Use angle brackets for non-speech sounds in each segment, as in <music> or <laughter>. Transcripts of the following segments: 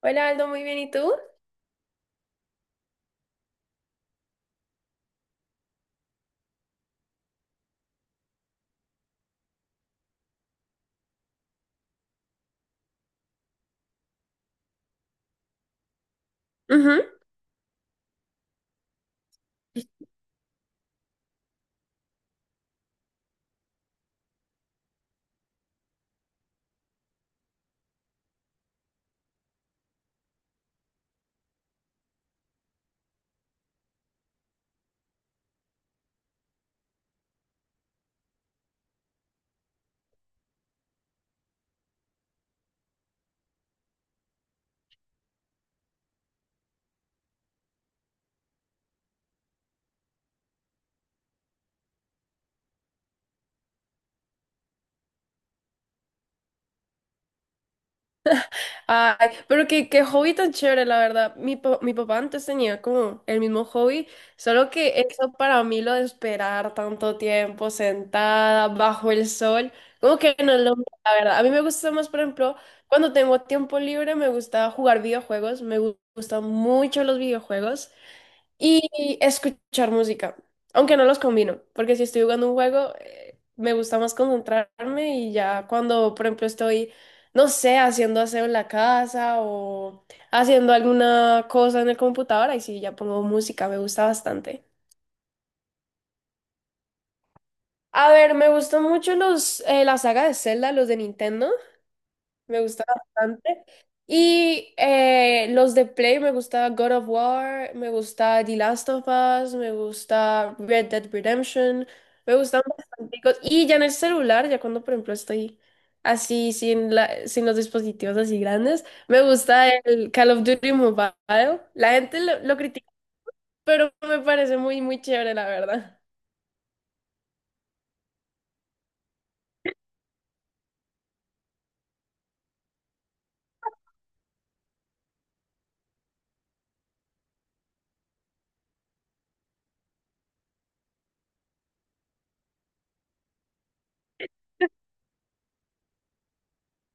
Hola Aldo, muy bien, ¿y tú? Ujú. Ay, pero qué hobby tan chévere, la verdad. Mi papá antes tenía como el mismo hobby, solo que eso para mí lo de esperar tanto tiempo sentada bajo el sol, como que no es lo mío, la verdad. A mí me gusta más, por ejemplo, cuando tengo tiempo libre, me gusta jugar videojuegos, gustan mucho los videojuegos. Y escuchar música, aunque no los combino, porque si estoy jugando un juego, me gusta más concentrarme y ya cuando, por ejemplo, estoy, no sé, haciendo aseo en la casa o haciendo alguna cosa en el computador, ahí sí ya pongo música, me gusta bastante. A ver, me gustan mucho la saga de Zelda, los de Nintendo. Me gusta bastante. Y los de Play, me gusta God of War, me gusta The Last of Us, me gusta Red Dead Redemption, me gustan bastante. Y ya en el celular, ya cuando por ejemplo estoy así sin los dispositivos así grandes, me gusta el Call of Duty Mobile. La gente lo critica, pero me parece muy chévere, la verdad.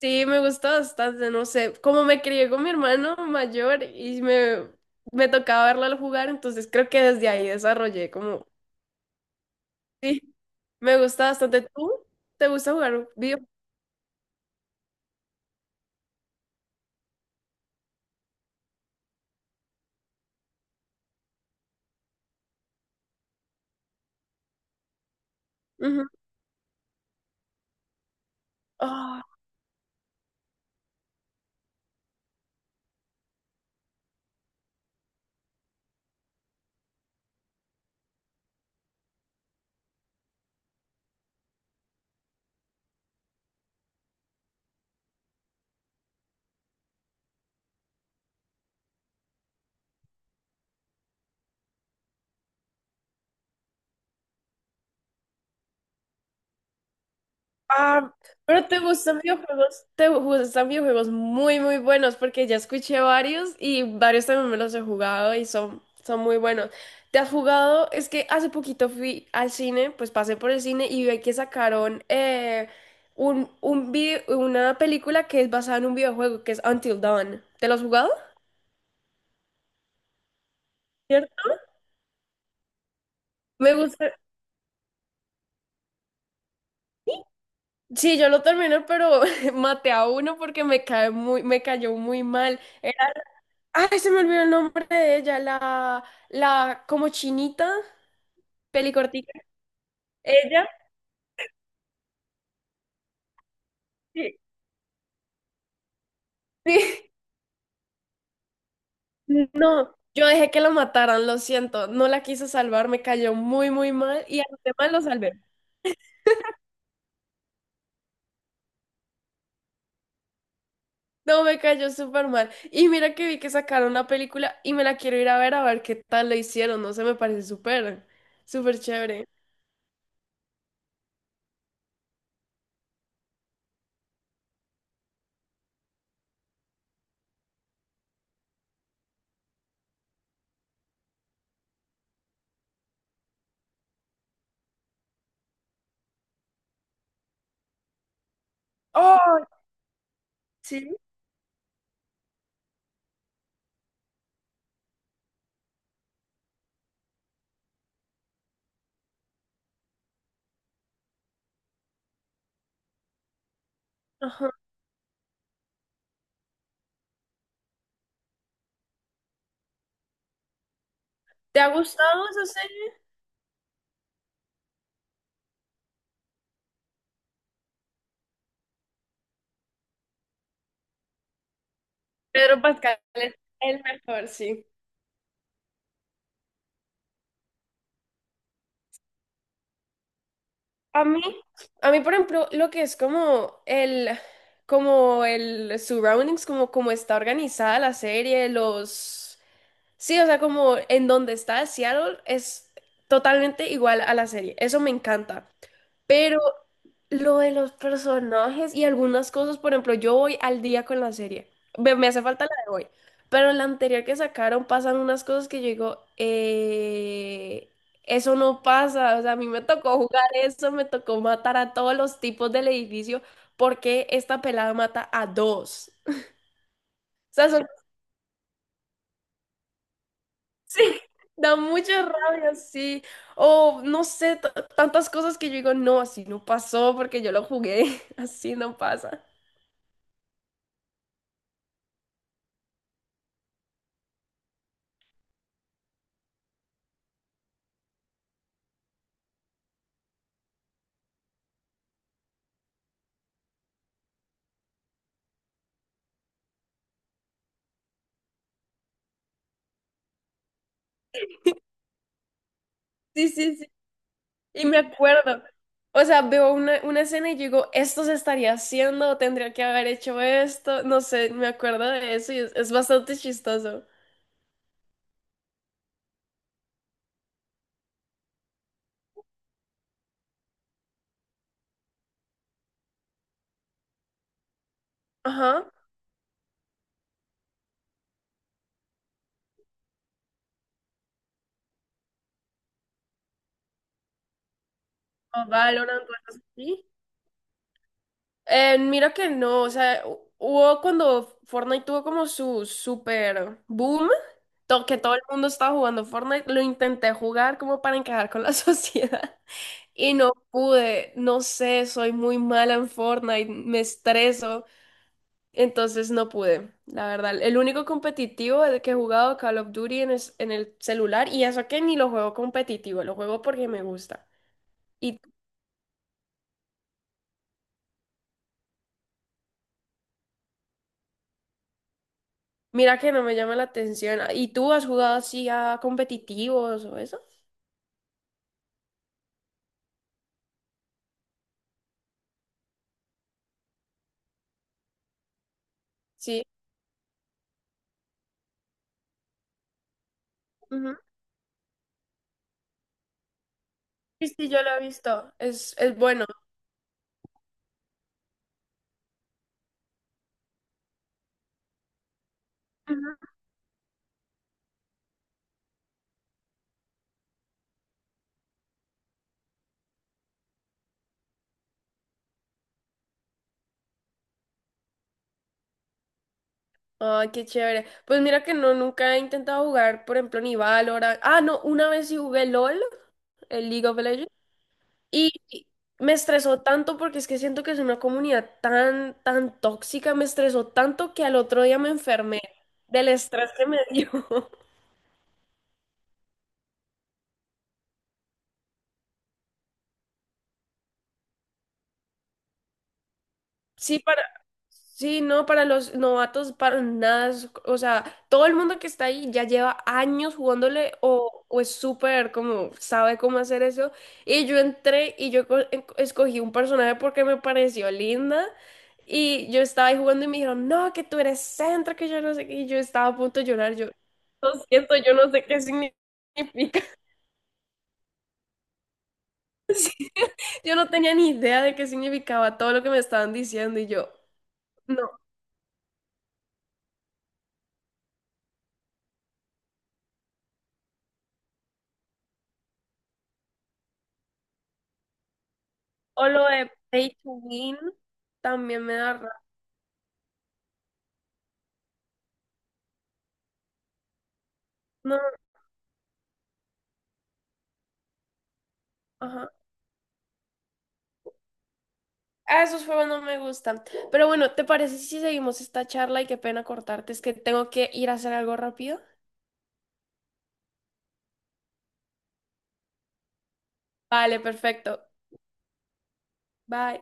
Sí, me gusta bastante, no sé, como me crié con mi hermano mayor y me tocaba verlo al jugar, entonces creo que desde ahí desarrollé como, sí, me gusta bastante. ¿Tú? ¿Te gusta jugar video? Ujú. Ah, pero te gustan videojuegos muy buenos, porque ya escuché varios y varios también me los he jugado y son muy buenos. ¿Te has jugado? Es que hace poquito fui al cine, pues pasé por el cine y vi que sacaron una película que es basada en un videojuego que es Until Dawn. ¿Te lo has jugado? ¿Cierto? Me gusta. Sí, yo lo terminé, pero <laughs> maté a uno porque me cayó muy mal. Ay, se me olvidó el nombre de ella, la como chinita, pelicortica. Ella, sí, sí, <laughs> no, yo dejé que la mataran, lo siento, no la quise salvar, me cayó muy mal y a los demás lo salvé. No, me cayó súper mal. Y mira que vi que sacaron una película y me la quiero ir a ver qué tal lo hicieron, no sé, me parece súper, súper chévere. Oh, sí, ajá. ¿Te ha gustado esa serie? Pedro Pascal es el mejor, sí. A mí, por ejemplo, lo que es como como el surroundings, como está organizada sí, o sea, como en donde está Seattle es totalmente igual a la serie. Eso me encanta. Pero lo de los personajes y algunas cosas, por ejemplo, yo voy al día con la serie. Me hace falta la de hoy. Pero en la anterior que sacaron pasan unas cosas que yo digo, eso no pasa. O sea, a mí me tocó jugar eso, me tocó matar a todos los tipos del edificio porque esta pelada mata a dos. Sea, son- <laughs> sí, da mucha rabia, sí. O no sé, t- Tantas cosas que yo digo, no, así no pasó porque yo lo jugué, <laughs> así no pasa. Sí, sí, sí. Y me acuerdo. O sea, veo una escena y digo, esto se estaría haciendo, tendría que haber hecho esto. No sé, me acuerdo de eso y es bastante chistoso. Ajá. O Valorant, o así. Mira que no, o sea, hubo cuando Fortnite tuvo como su super boom, que todo el mundo estaba jugando Fortnite, lo intenté jugar como para encajar con la <laughs> sociedad y no pude, no sé, soy muy mala en Fortnite, me estreso. Entonces no pude, la verdad. El único competitivo de que he jugado Call of Duty en el celular, y eso que ni lo juego competitivo, lo juego porque me gusta. Y mira que no me llama la atención. ¿Y tú has jugado así a competitivos o eso? Sí. Ujú. Sí, sí, yo lo he visto. Es bueno. Ujú. Ay, qué chévere. Pues mira que no, nunca he intentado jugar, por ejemplo, ni Valorant. Ah, no, una vez sí jugué LOL, el League of Legends. Y me estresó tanto porque es que siento que es una comunidad tan tóxica, me estresó tanto que al otro día me enfermé del estrés que me dio. Sí, para, sí, no, para los novatos, para nada, o sea, todo el mundo que está ahí ya lleva años jugándole o es súper como, sabe cómo hacer eso. Y yo entré y yo escogí un personaje porque me pareció linda y yo estaba ahí jugando y me dijeron, no, que tú eres centro, que yo no sé qué, y yo estaba a punto de llorar, yo, lo siento, yo no sé qué significa. <laughs> Yo no tenía ni idea de qué significaba todo lo que me estaban diciendo y yo, no. O lo de Pay to Win también me da rabia. No, ajá. Ah, esos juegos no me gustan. Pero bueno, ¿te parece si seguimos esta charla? Y qué pena cortarte, es que tengo que ir a hacer algo rápido. Vale, perfecto. Bye.